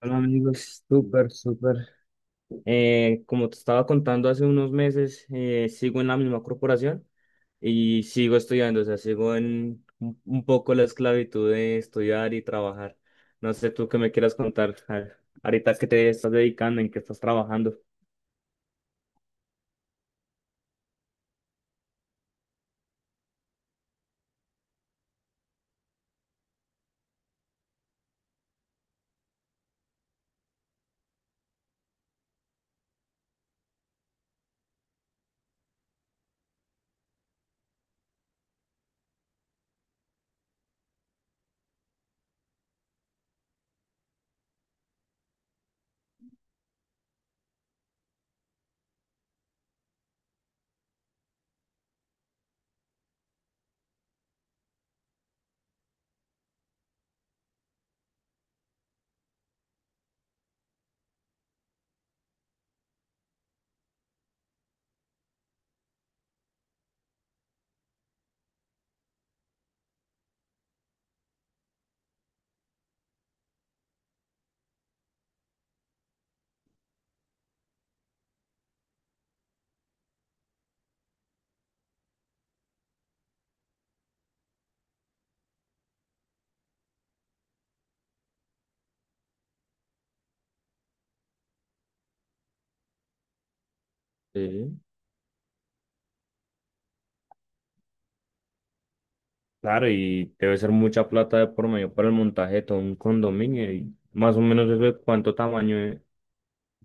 Hola amigos, súper, súper. Como te estaba contando hace unos meses, sigo en la misma corporación y sigo estudiando, o sea, sigo en un poco la esclavitud de estudiar y trabajar. No sé tú qué me quieras contar, ahorita qué te estás dedicando, en qué estás trabajando. Sí, claro, y debe ser mucha plata de por medio para el montaje de todo un condominio y más o menos eso de cuánto tamaño,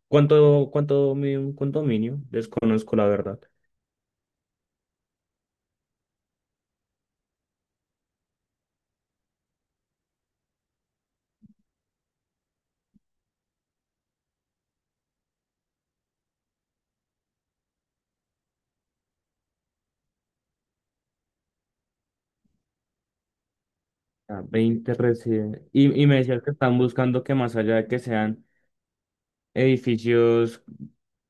cuánto mide un condominio, desconozco la verdad. Ah, 20 residentes. Y me decías que están buscando que más allá de que sean edificios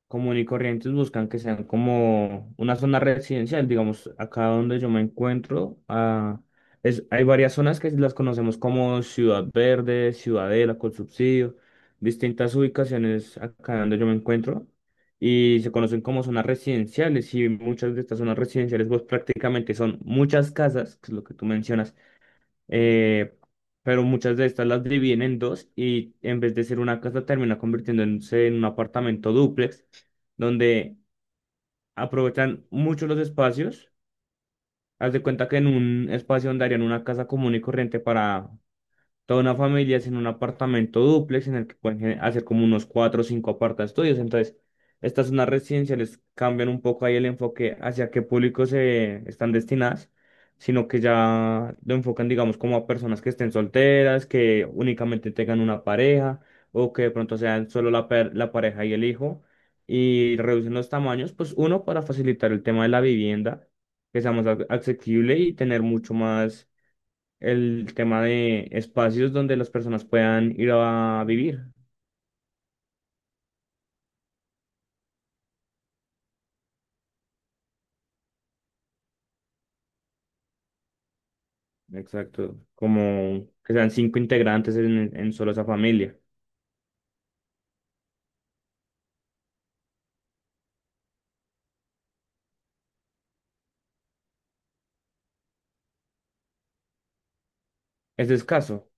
común y corrientes, buscan que sean como una zona residencial. Digamos, acá donde yo me encuentro, ah, hay varias zonas que las conocemos como Ciudad Verde, Ciudadela, con subsidio, distintas ubicaciones acá donde yo me encuentro. Y se conocen como zonas residenciales y muchas de estas zonas residenciales pues prácticamente son muchas casas, que es lo que tú mencionas, eh, pero muchas de estas las dividen en dos y en vez de ser una casa termina convirtiéndose en un apartamento dúplex, donde aprovechan mucho los espacios. Haz de cuenta que en un espacio donde harían una casa común y corriente para toda una familia es en un apartamento dúplex en el que pueden hacer como unos cuatro o cinco aparta estudios. Entonces, estas zonas residenciales cambian un poco ahí el enfoque hacia qué público se están destinadas, sino que ya lo enfocan, digamos, como a personas que estén solteras, que únicamente tengan una pareja o que de pronto sean solo la pareja y el hijo. Y reducen los tamaños, pues uno, para facilitar el tema de la vivienda, que sea más asequible y tener mucho más el tema de espacios donde las personas puedan ir a vivir. Exacto. Como que sean cinco integrantes en solo esa familia. Es escaso.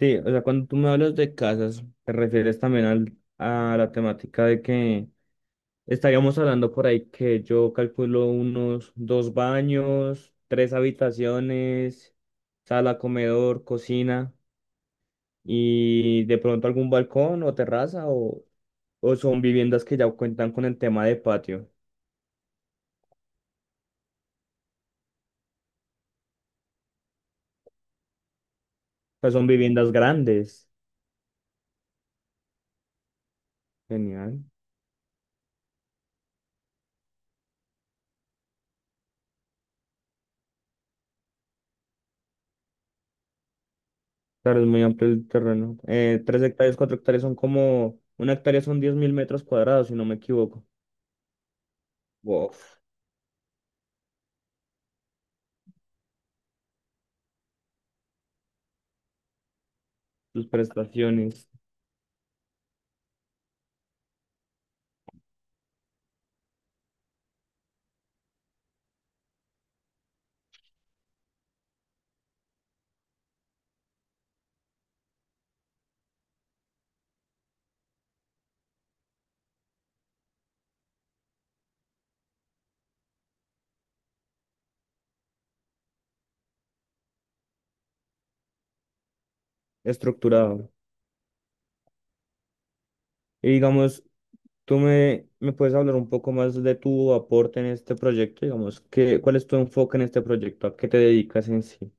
Sí, o sea, cuando tú me hablas de casas, te refieres también a la temática de que estaríamos hablando por ahí que yo calculo unos dos baños, tres habitaciones, sala, comedor, cocina. Y de pronto algún balcón o terraza o son viviendas que ya cuentan con el tema de patio. Pues son viviendas grandes. Genial. Claro, es muy amplio el terreno. 3 hectáreas, 4 hectáreas son como, una hectárea son 10.000 metros cuadrados, si no me equivoco. Wow, sus prestaciones, estructurado. Y digamos, tú me puedes hablar un poco más de tu aporte en este proyecto, digamos, cuál es tu enfoque en este proyecto? ¿A qué te dedicas en sí?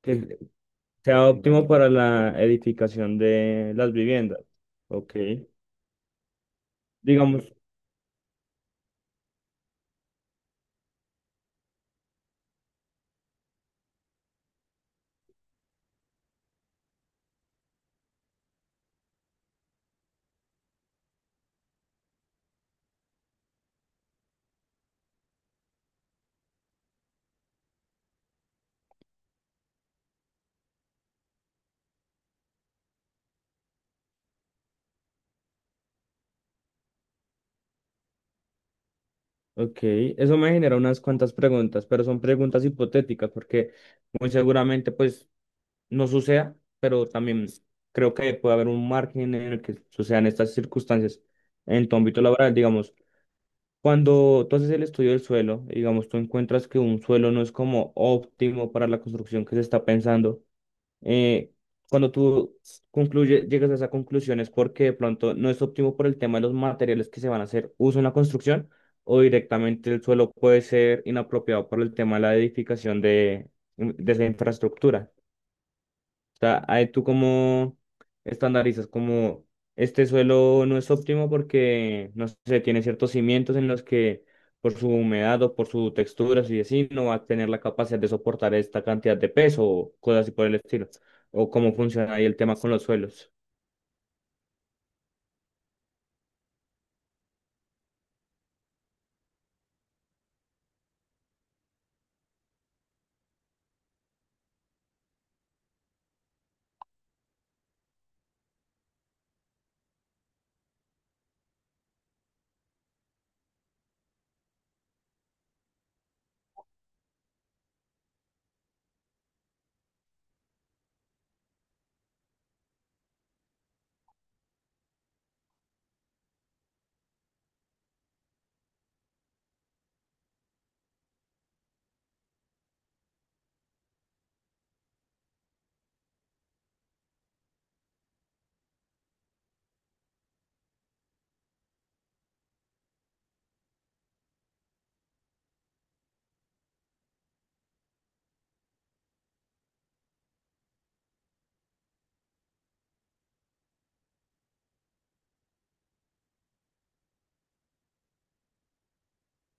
¿Qué- sea óptimo para la edificación de las viviendas. Ok. Digamos, ok, eso me genera unas cuantas preguntas, pero son preguntas hipotéticas porque muy seguramente pues no suceda, pero también creo que puede haber un margen en el que sucedan estas circunstancias en tu ámbito laboral, digamos. Cuando tú haces el estudio del suelo, digamos, tú encuentras que un suelo no es como óptimo para la construcción que se está pensando, eh, cuando tú concluye, llegas a esa conclusión es porque de pronto no es óptimo por el tema de los materiales que se van a hacer uso en la construcción o directamente el suelo puede ser inapropiado por el tema de la edificación de esa infraestructura sea, ahí tú como estandarizas como este suelo no es óptimo porque, no sé, tiene ciertos cimientos en los que por su humedad o por su textura, si así, no va a tener la capacidad de soportar esta cantidad de peso o cosas así por el estilo. O cómo funciona ahí el tema con los suelos.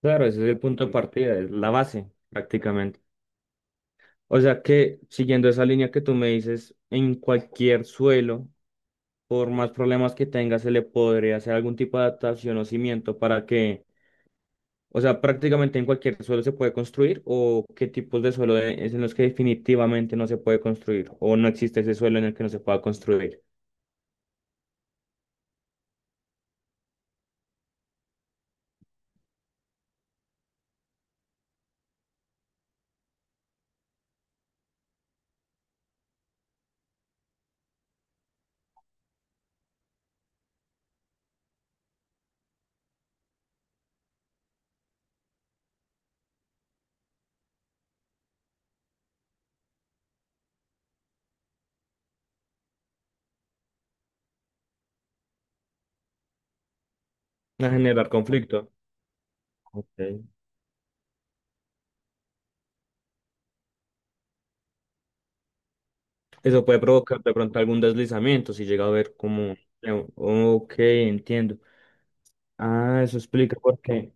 Claro, ese es el punto de partida, es la base prácticamente. O sea que siguiendo esa línea que tú me dices, en cualquier suelo, por más problemas que tenga, se le podría hacer algún tipo de adaptación o cimiento para que o sea, prácticamente en cualquier suelo se puede construir o qué tipos de suelo es en los que definitivamente no se puede construir o no existe ese suelo en el que no se pueda construir. A generar conflicto. Ok. Eso puede provocar de pronto algún deslizamiento si llega a haber como... Ok, entiendo. Ah, eso explica por qué.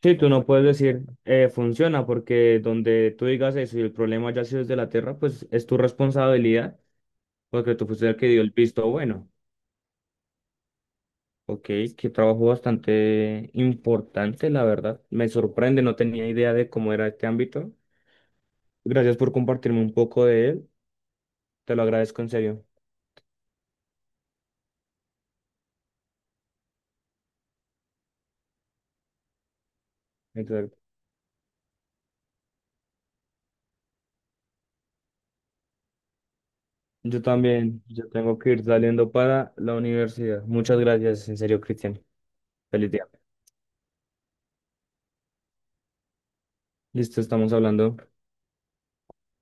Sí, tú no puedes decir funciona porque donde tú digas eso y el problema ya ha sido desde la tierra, pues es tu responsabilidad porque tú fuiste el que dio el visto bueno. Ok, qué trabajo bastante importante, la verdad. Me sorprende, no tenía idea de cómo era este ámbito. Gracias por compartirme un poco de él. Te lo agradezco en serio. Exacto. Yo también, yo tengo que ir saliendo para la universidad. Muchas gracias, en serio, Cristian. Feliz día. Listo, estamos hablando.